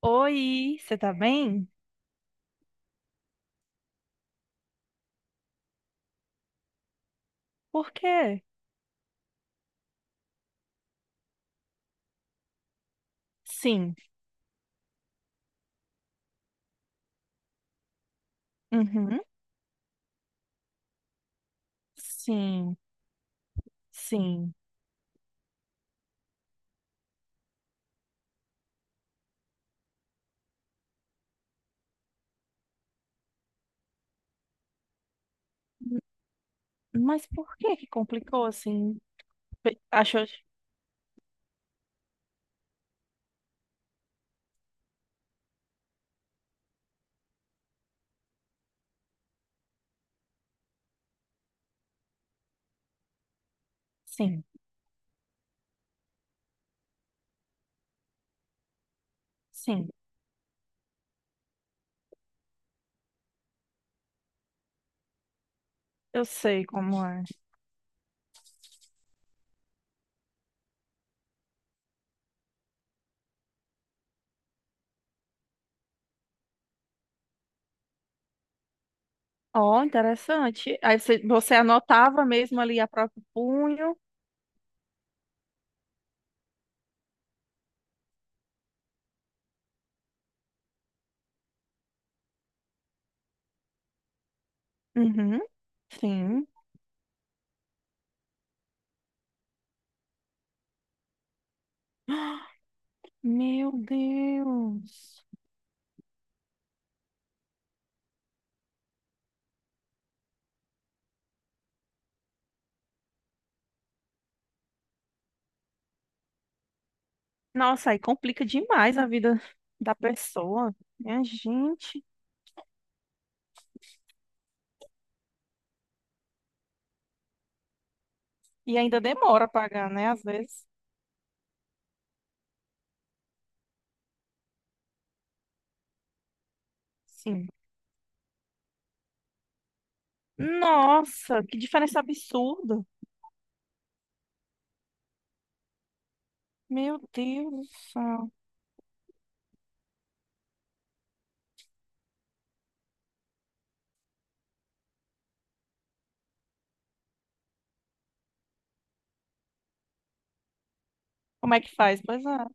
Oi, você tá bem? Por quê? Sim. Uhum. Sim. Sim. M- Mas por que que complicou assim? Achou? Sim. Sim. Eu sei como é. Ó, interessante. Aí você anotava mesmo ali a próprio punho? Uhum. Sim. Meu Deus. Nossa, aí complica demais a vida da pessoa. Minha gente. E ainda demora a pagar, né? Às vezes. Sim. Nossa, que diferença absurda. Meu Deus do céu. Como é que faz? Pois é,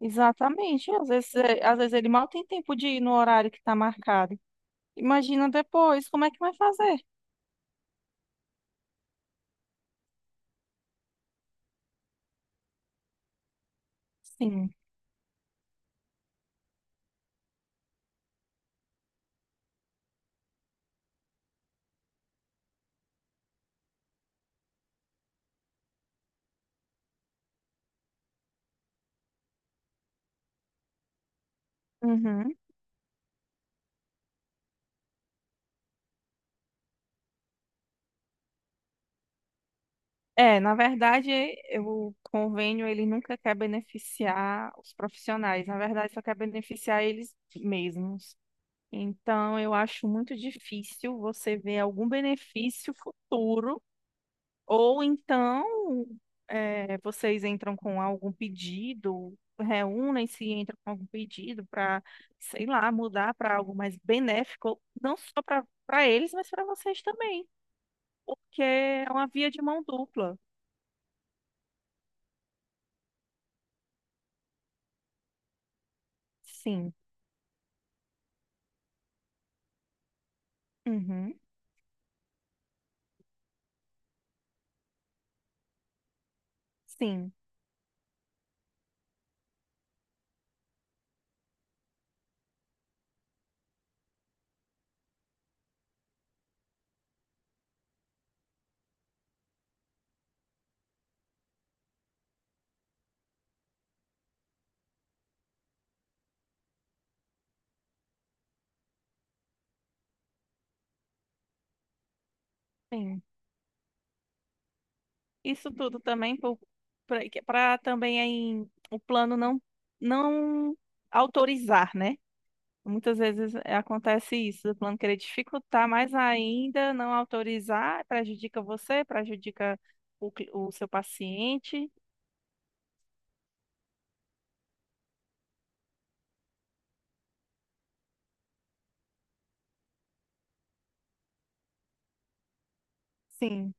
exatamente. Às às vezes ele mal tem tempo de ir no horário que está marcado. Imagina depois, como é que vai fazer? Sim. Uhum. É, na o convênio ele nunca quer beneficiar os profissionais. Na verdade, só quer beneficiar eles mesmos. Então, eu acho muito difícil você ver algum benefício futuro. Ou então, vocês entram com algum pedido, reúnem-se e entram com algum pedido para, sei lá, mudar para algo mais benéfico, não só para eles, mas para vocês também, porque é uma via de mão dupla. Sim. Uhum. Sim, sim. Isso tudo também para também aí, o plano não autorizar, né? Muitas acontece isso, do plano querer dificultar mais ainda, não autorizar, prejudica você, prejudica o seu paciente. Sim.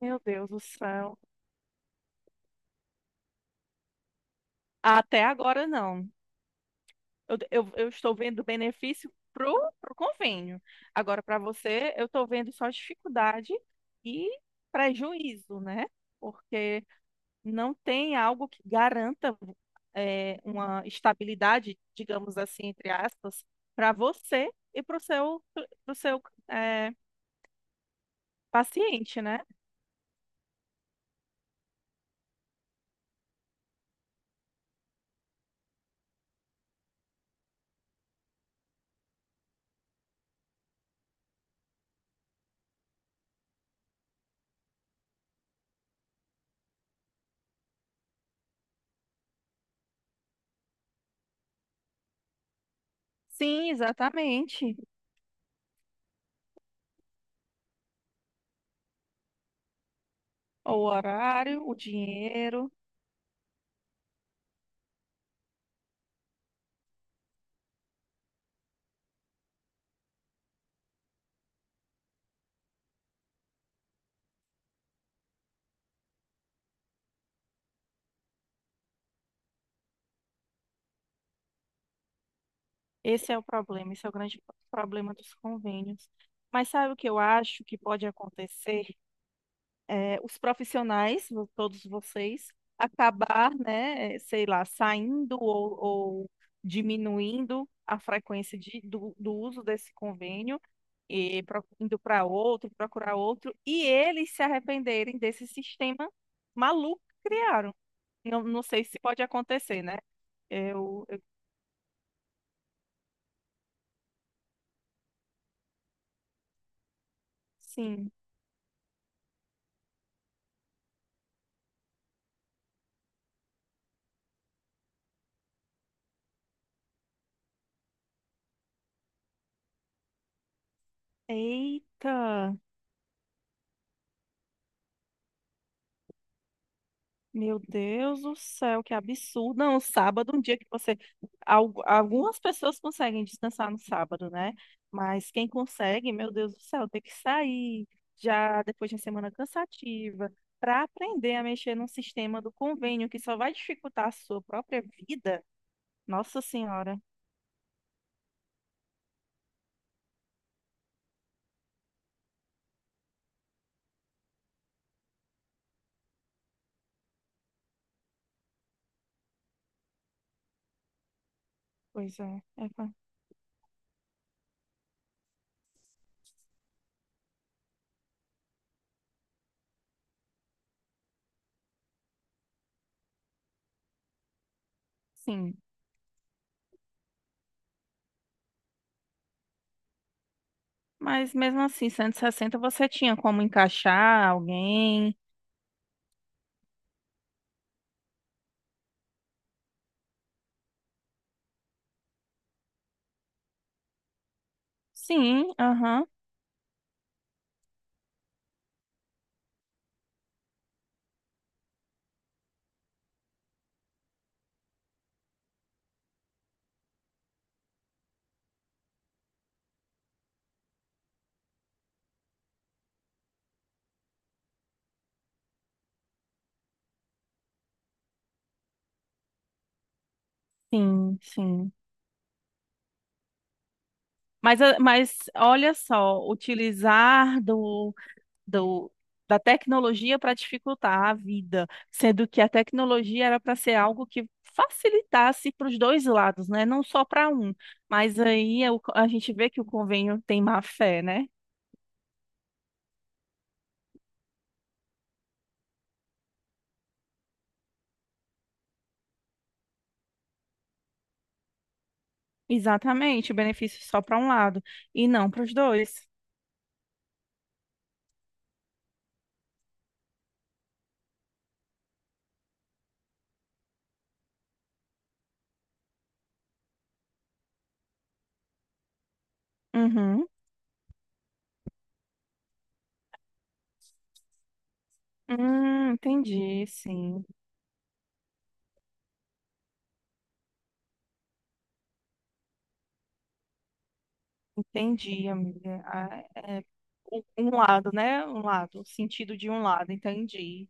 Meu Deus do céu. Até agora não. Eu estou vendo benefício pro convênio. Agora, para você, eu estou vendo só dificuldade e prejuízo, né? Porque não tem algo que garanta uma estabilidade, digamos assim, entre aspas, para você e para o pro seu é, paciente, né? Sim, exatamente. O horário, o dinheiro, esse é o problema, esse é o grande problema dos convênios. Mas sabe o que eu acho que pode acontecer? Os profissionais, todos vocês, acabar, sei lá, saindo ou diminuindo a frequência do uso desse convênio, e indo para outro, procurar outro, e eles se arrependerem desse sistema maluco que criaram. Não, não sei se pode acontecer, né? Eu, sim. Eita! Meu Deus do céu, que absurdo. Não, o sábado, é um dia que você. Algumas pessoas conseguem descansar no sábado, né? Mas quem consegue, meu Deus do céu, tem que sair já depois de uma semana cansativa para aprender a mexer num sistema do convênio que só vai dificultar a sua própria vida. Nossa Senhora. Pois é. Sim. Mas mesmo assim, 160 você tinha como encaixar alguém? Sim, aham. Sim, sim. Mas olha só, utilizar do, da tecnologia para dificultar a vida, sendo que a tecnologia era para ser algo que facilitasse para os dois lados, né? Não só para um. Mas aí é a gente vê que o convênio tem má fé, né? Exatamente, o benefício só para um lado e não para os dois. Uhum. Entendi, sim. Entendi, amiga. Ah, é, um lado, né? Um lado, o sentido de um lado, entendi.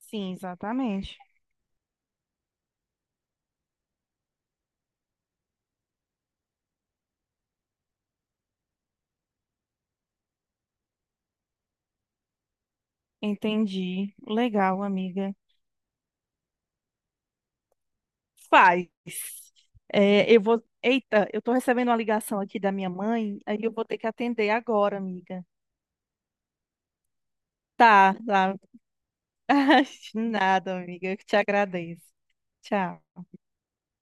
Sim, exatamente. Entendi. Legal, amiga. Faz. É, eu vou. Eita, eu tô recebendo uma ligação aqui da minha mãe, aí eu vou ter que atender agora, amiga. Tá, tá. Nada, amiga. Eu que te agradeço. Tchau.